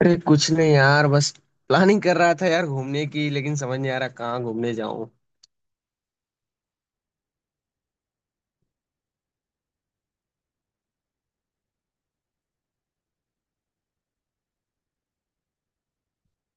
अरे कुछ नहीं यार, बस प्लानिंग कर रहा था यार घूमने की। लेकिन समझ नहीं आ रहा कहाँ घूमने जाऊं।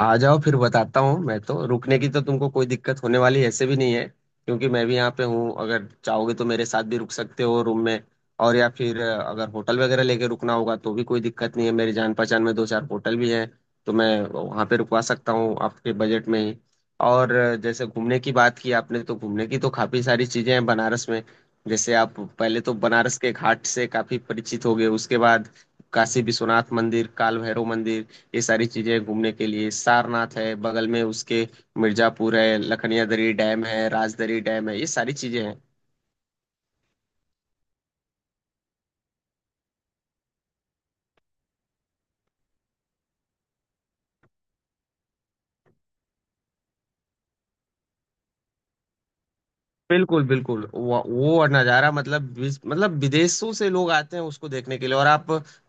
आ जाओ फिर बताता हूँ। मैं तो, रुकने की तो तुमको कोई दिक्कत होने वाली ऐसे भी नहीं है, क्योंकि मैं भी यहाँ पे हूँ। अगर चाहोगे तो मेरे साथ भी रुक सकते हो रूम में। और या फिर अगर होटल वगैरह लेके रुकना होगा तो भी कोई दिक्कत नहीं है, मेरी जान पहचान में दो चार होटल भी हैं। तो मैं वहाँ पे रुकवा सकता हूँ आपके बजट में ही। और जैसे घूमने की बात की आपने, तो घूमने की तो काफ़ी सारी चीज़ें हैं बनारस में। जैसे आप पहले तो बनारस के घाट से काफ़ी परिचित हो गए। उसके बाद काशी विश्वनाथ मंदिर, काल भैरव मंदिर, ये सारी चीजें घूमने के लिए। सारनाथ है बगल में उसके। मिर्जापुर है, लखनिया दरी डैम है, राजदरी डैम है, ये सारी चीजें हैं। बिल्कुल बिल्कुल। वो नज़ारा, मतलब विदेशों से लोग आते हैं उसको देखने के लिए। और आप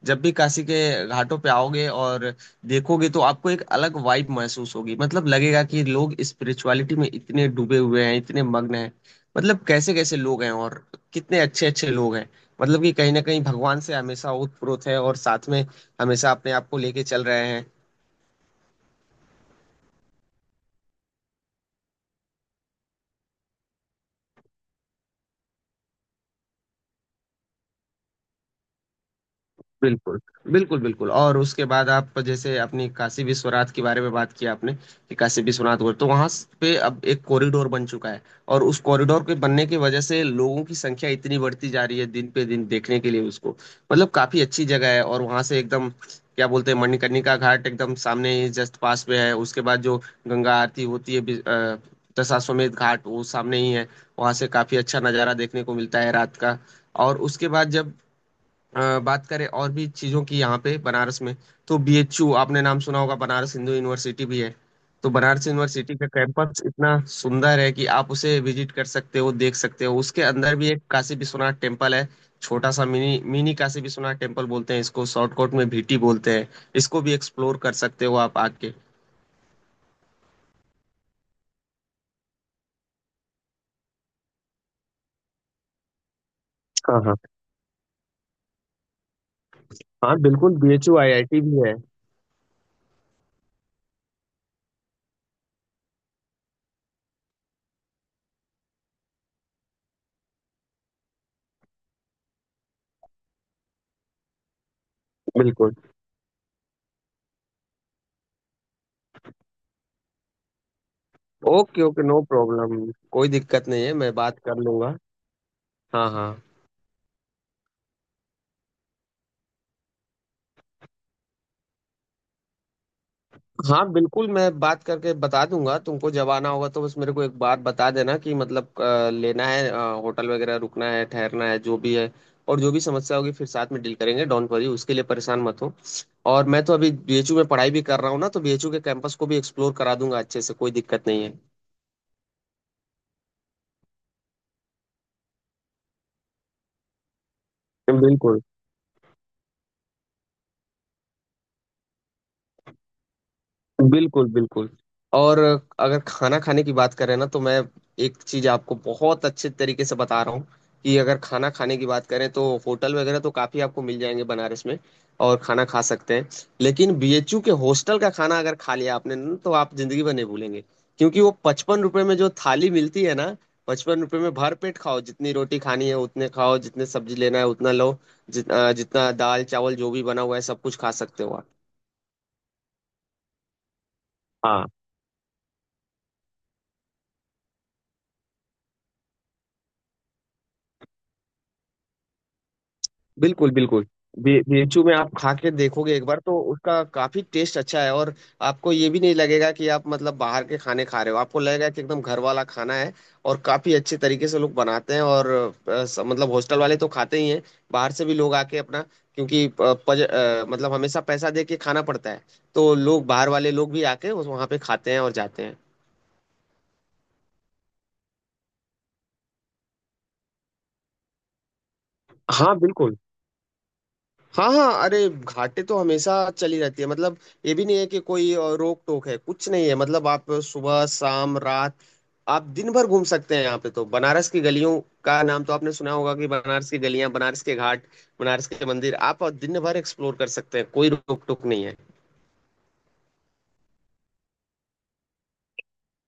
जब भी काशी के घाटों पे आओगे और देखोगे, तो आपको एक अलग वाइब महसूस होगी। मतलब लगेगा कि लोग स्पिरिचुअलिटी में इतने डूबे हुए हैं, इतने मग्न हैं। मतलब कैसे कैसे लोग हैं, और कितने अच्छे अच्छे लोग हैं। मतलब कि कहीं ना कहीं भगवान से हमेशा ओतप्रोत है, और साथ में हमेशा अपने आप को लेके चल रहे हैं। बिल्कुल। बिल्कुल बिल्कुल। और उसके बाद आप जैसे अपनी काशी विश्वनाथ के बारे में बात किया आपने, कि काशी विश्वनाथ बोल, तो वहां पे अब एक कॉरिडोर बन चुका है। और उस कॉरिडोर के बनने की वजह से लोगों की संख्या इतनी बढ़ती जा रही है दिन पे दिन देखने के लिए उसको। मतलब काफी अच्छी जगह है। और वहां से एकदम क्या बोलते हैं, मणिकर्णिका घाट एकदम सामने ही जस्ट पास में है। उसके बाद जो गंगा आरती होती है दशाश्वमेध घाट, वो सामने ही है। वहां से काफी अच्छा नजारा देखने को मिलता है रात का। और उसके बाद जब बात करें और भी चीज़ों की यहाँ पे बनारस में, तो बीएचयू, आपने नाम सुना होगा, बनारस हिंदू यूनिवर्सिटी भी है। तो बनारस यूनिवर्सिटी का कैंपस इतना सुंदर है कि आप उसे विजिट कर सकते हो, देख सकते हो। उसके अंदर भी एक काशी विश्वनाथ टेम्पल है, छोटा सा mini mini Kashi Vishwanath temple बोलते हैं इसको, शॉर्टकट में भीटी बोलते हैं इसको। भी एक्सप्लोर कर सकते हो आप आके। हाँ हाँ। हाँ बिल्कुल, बीएचयू आईआईटी भी है। बिल्कुल। ओके ओके, नो प्रॉब्लम, कोई दिक्कत नहीं है, मैं बात कर लूंगा। हाँ हाँ। हाँ बिल्कुल, मैं बात करके बता दूंगा तुमको। जब आना होगा तो बस मेरे को एक बार बता देना, कि मतलब लेना है, होटल वगैरह रुकना है, ठहरना है, जो भी है। और जो भी समस्या होगी फिर साथ में डील करेंगे, डोंट वरी, उसके लिए परेशान मत हो। और मैं तो अभी बीएचयू में पढ़ाई भी कर रहा हूँ ना, तो बीएचयू के कैंपस को भी एक्सप्लोर करा दूंगा अच्छे से, कोई दिक्कत नहीं है। बिल्कुल बिल्कुल बिल्कुल। और अगर खाना खाने की बात करें ना, तो मैं एक चीज आपको बहुत अच्छे तरीके से बता रहा हूँ, कि अगर खाना खाने की बात करें तो होटल वगैरह तो काफी आपको मिल जाएंगे बनारस में, और खाना खा सकते हैं। लेकिन बीएचयू के हॉस्टल का खाना अगर खा लिया आपने ना, तो आप जिंदगी भर नहीं भूलेंगे। क्योंकि वो 55 रुपए में जो थाली मिलती है ना, 55 रुपए में भर पेट खाओ, जितनी रोटी खानी है उतने खाओ, जितने सब्जी लेना है उतना लो, जितना दाल चावल जो भी बना हुआ है सब कुछ खा सकते हो आप। हाँ बिल्कुल बिल्कुल। बेचू में आप खा के देखोगे एक बार, तो उसका काफी टेस्ट अच्छा है। और आपको ये भी नहीं लगेगा कि आप मतलब बाहर के खाने खा रहे हो, आपको लगेगा कि एकदम घर वाला खाना है। और काफी अच्छे तरीके से लोग बनाते हैं। और मतलब हॉस्टल वाले तो खाते ही हैं, बाहर से भी लोग आके अपना, क्योंकि मतलब हमेशा पैसा दे के खाना पड़ता है। तो लोग, बाहर वाले लोग भी आके वहाँ पे खाते हैं और जाते हैं। हाँ बिल्कुल। हाँ हाँ, अरे घाटे तो हमेशा चली रहती है मतलब। ये भी नहीं है कि कोई रोक टोक है, कुछ नहीं है। मतलब आप सुबह शाम रात, आप दिन भर घूम सकते हैं यहाँ पे। तो बनारस की गलियों का नाम तो आपने सुना होगा, कि बनारस की गलियां, बनारस के घाट, बनारस के मंदिर, आप दिन भर एक्सप्लोर कर सकते हैं, कोई रोक टोक नहीं है।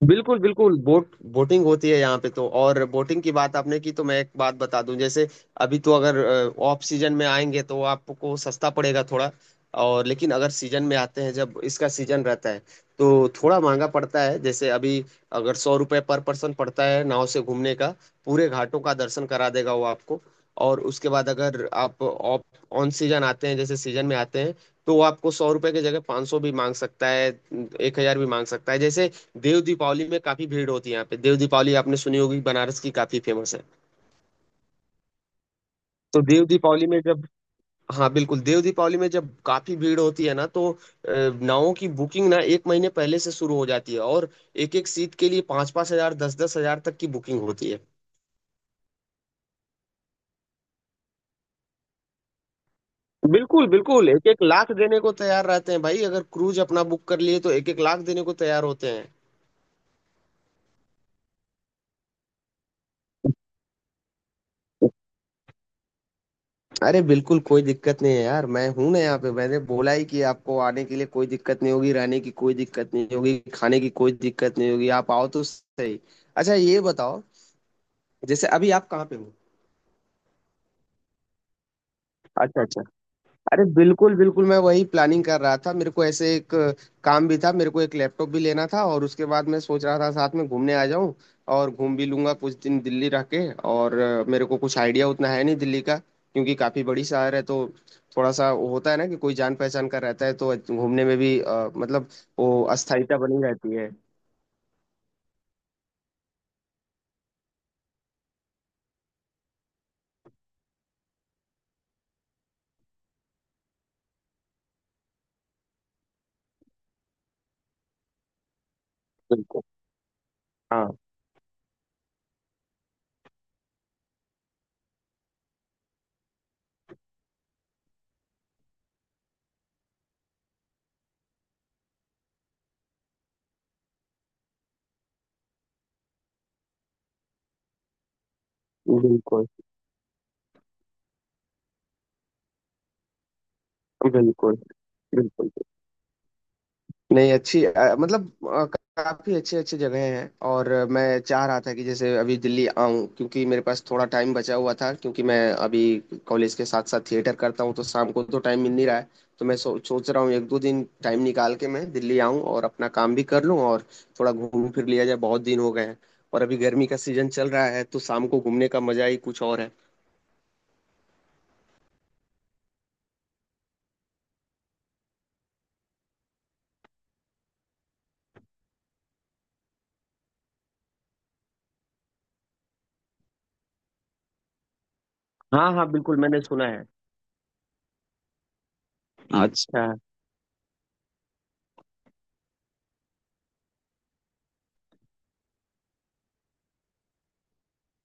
बिल्कुल बिल्कुल। बोटिंग होती है यहाँ पे तो। और बोटिंग की बात आपने की तो मैं एक बात बता दूं। जैसे अभी तो, अगर ऑफ सीजन में आएंगे तो आपको सस्ता पड़ेगा थोड़ा। और लेकिन अगर सीजन में आते हैं, जब इसका सीजन रहता है, तो थोड़ा महंगा पड़ता है। जैसे अभी अगर 100 रुपये पर पर्सन पड़ता है नाव से घूमने का, पूरे घाटों का दर्शन करा देगा वो आपको। और उसके बाद अगर आप ऑफ ऑन सीजन आते हैं, जैसे सीजन में आते हैं, तो वो आपको 100 रुपये की जगह 500 भी मांग सकता है, 1,000 भी मांग सकता है। जैसे देव दीपावली में काफी भीड़ होती है यहाँ पे। देव दीपावली आपने सुनी होगी, बनारस की काफी फेमस है। तो देव दीपावली में जब, हाँ बिल्कुल, देव दीपावली में जब काफी भीड़ होती है ना, तो नावों की बुकिंग ना एक महीने पहले से शुरू हो जाती है। और एक एक सीट के लिए 5-5 हजार, 10-10 हजार तक की बुकिंग होती है। बिल्कुल बिल्कुल। एक एक लाख देने को तैयार रहते हैं भाई। अगर क्रूज अपना बुक कर लिए, तो एक एक लाख देने को तैयार होते हैं। अरे बिल्कुल कोई दिक्कत नहीं है यार, मैं हूं ना यहाँ पे। मैंने बोला ही कि आपको आने के लिए कोई दिक्कत नहीं होगी, रहने की कोई दिक्कत नहीं होगी, खाने की कोई दिक्कत नहीं होगी, आप आओ तो सही। अच्छा ये बताओ, जैसे अभी आप कहाँ पे हो। अच्छा अच्छा। अरे बिल्कुल बिल्कुल, मैं वही प्लानिंग कर रहा था। मेरे को ऐसे एक काम भी था, मेरे को एक लैपटॉप भी लेना था। और उसके बाद मैं सोच रहा था साथ में घूमने आ जाऊं, और घूम भी लूंगा कुछ दिन दिल्ली रह के। और मेरे को कुछ आइडिया उतना है नहीं दिल्ली का, क्योंकि काफी बड़ी शहर है। तो थोड़ा सा वो होता है ना, कि कोई जान पहचान का रहता है तो घूमने में भी मतलब वो अस्थायीता बनी रहती है। बिल्कुल। हाँ बिल्कुल बिल्कुल। बिल्कुल नहीं, अच्छी, मतलब काफी अच्छी अच्छी जगह हैं। और मैं चाह रहा था कि जैसे अभी दिल्ली आऊं, क्योंकि मेरे पास थोड़ा टाइम बचा हुआ था। क्योंकि मैं अभी कॉलेज के साथ साथ थिएटर करता हूं, तो शाम को तो टाइम मिल नहीं रहा है। तो मैं सोच रहा हूँ एक दो दिन टाइम निकाल के मैं दिल्ली आऊं और अपना काम भी कर लूं, और थोड़ा घूम फिर लिया जाए, बहुत दिन हो गए हैं। और अभी गर्मी का सीजन चल रहा है, तो शाम को घूमने का मजा ही कुछ और है। हाँ हाँ बिल्कुल, मैंने सुना है। अच्छा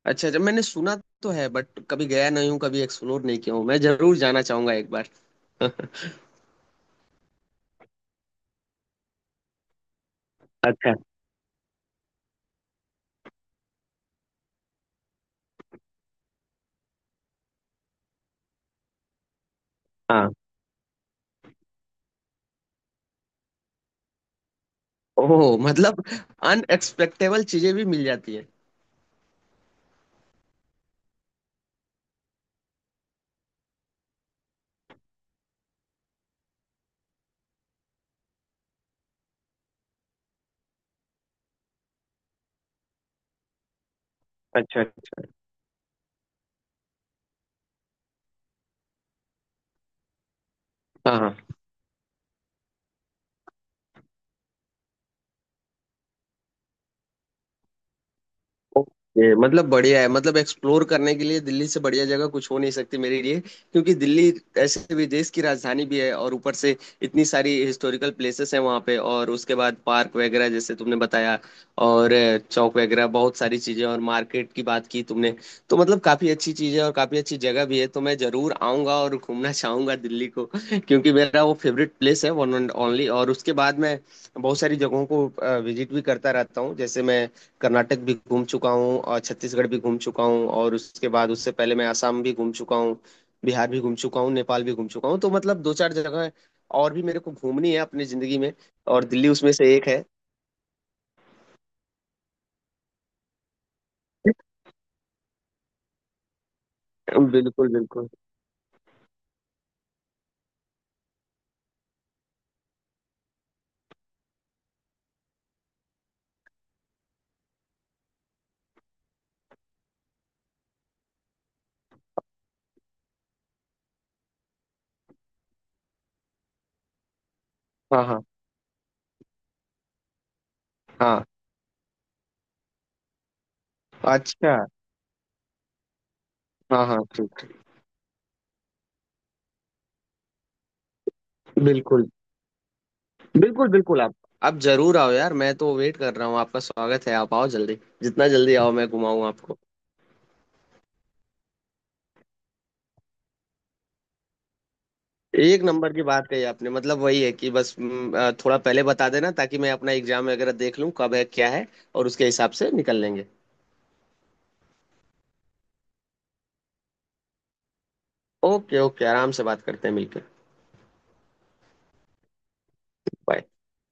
अच्छा। अच्छा, मैंने सुना तो है, बट कभी गया नहीं हूँ, कभी एक्सप्लोर नहीं किया हूँ। मैं जरूर जाना चाहूंगा एक बार। अच्छा। हाँ। ओह, मतलब अनएक्सपेक्टेबल चीजें भी मिल जाती हैं। अच्छा। हाँ हाँ ये मतलब बढ़िया है, मतलब एक्सप्लोर करने के लिए दिल्ली से बढ़िया जगह कुछ हो नहीं सकती मेरे लिए। क्योंकि दिल्ली ऐसे भी देश की राजधानी भी है, और ऊपर से इतनी सारी हिस्टोरिकल प्लेसेस हैं वहाँ पे। और उसके बाद पार्क वगैरह, जैसे तुमने बताया। और चौक वगैरह बहुत सारी चीजें, और मार्केट की बात की तुमने, तो मतलब काफी अच्छी चीजें और काफी अच्छी जगह भी है। तो मैं जरूर आऊंगा और घूमना चाहूंगा दिल्ली को, क्योंकि मेरा वो फेवरेट प्लेस है, वन एंड ओनली। और उसके बाद मैं बहुत सारी जगहों को विजिट भी करता रहता हूँ। जैसे मैं कर्नाटक भी घूम चुका हूँ, और छत्तीसगढ़ भी घूम चुका हूँ। और उसके बाद, उससे पहले मैं आसाम भी घूम चुका हूँ, बिहार भी घूम चुका हूँ, नेपाल भी घूम चुका हूँ। तो मतलब दो चार जगह और भी मेरे को घूमनी है अपनी जिंदगी में। और दिल्ली उसमें से एक है। बिल्कुल बिल्कुल। हाँ हाँ हाँ। अच्छा। हाँ हाँ ठीक। बिल्कुल बिल्कुल बिल्कुल, आप जरूर आओ यार, मैं तो वेट कर रहा हूँ, आपका स्वागत है, आप आओ जल्दी, जितना जल्दी आओ मैं घुमाऊँ आपको। एक नंबर की बात कही आपने, मतलब वही है कि बस थोड़ा पहले बता देना, ताकि मैं अपना एग्जाम वगैरह देख लूं कब है क्या है, और उसके हिसाब से निकल लेंगे। ओके ओके, आराम से बात करते हैं मिलकर। बाय।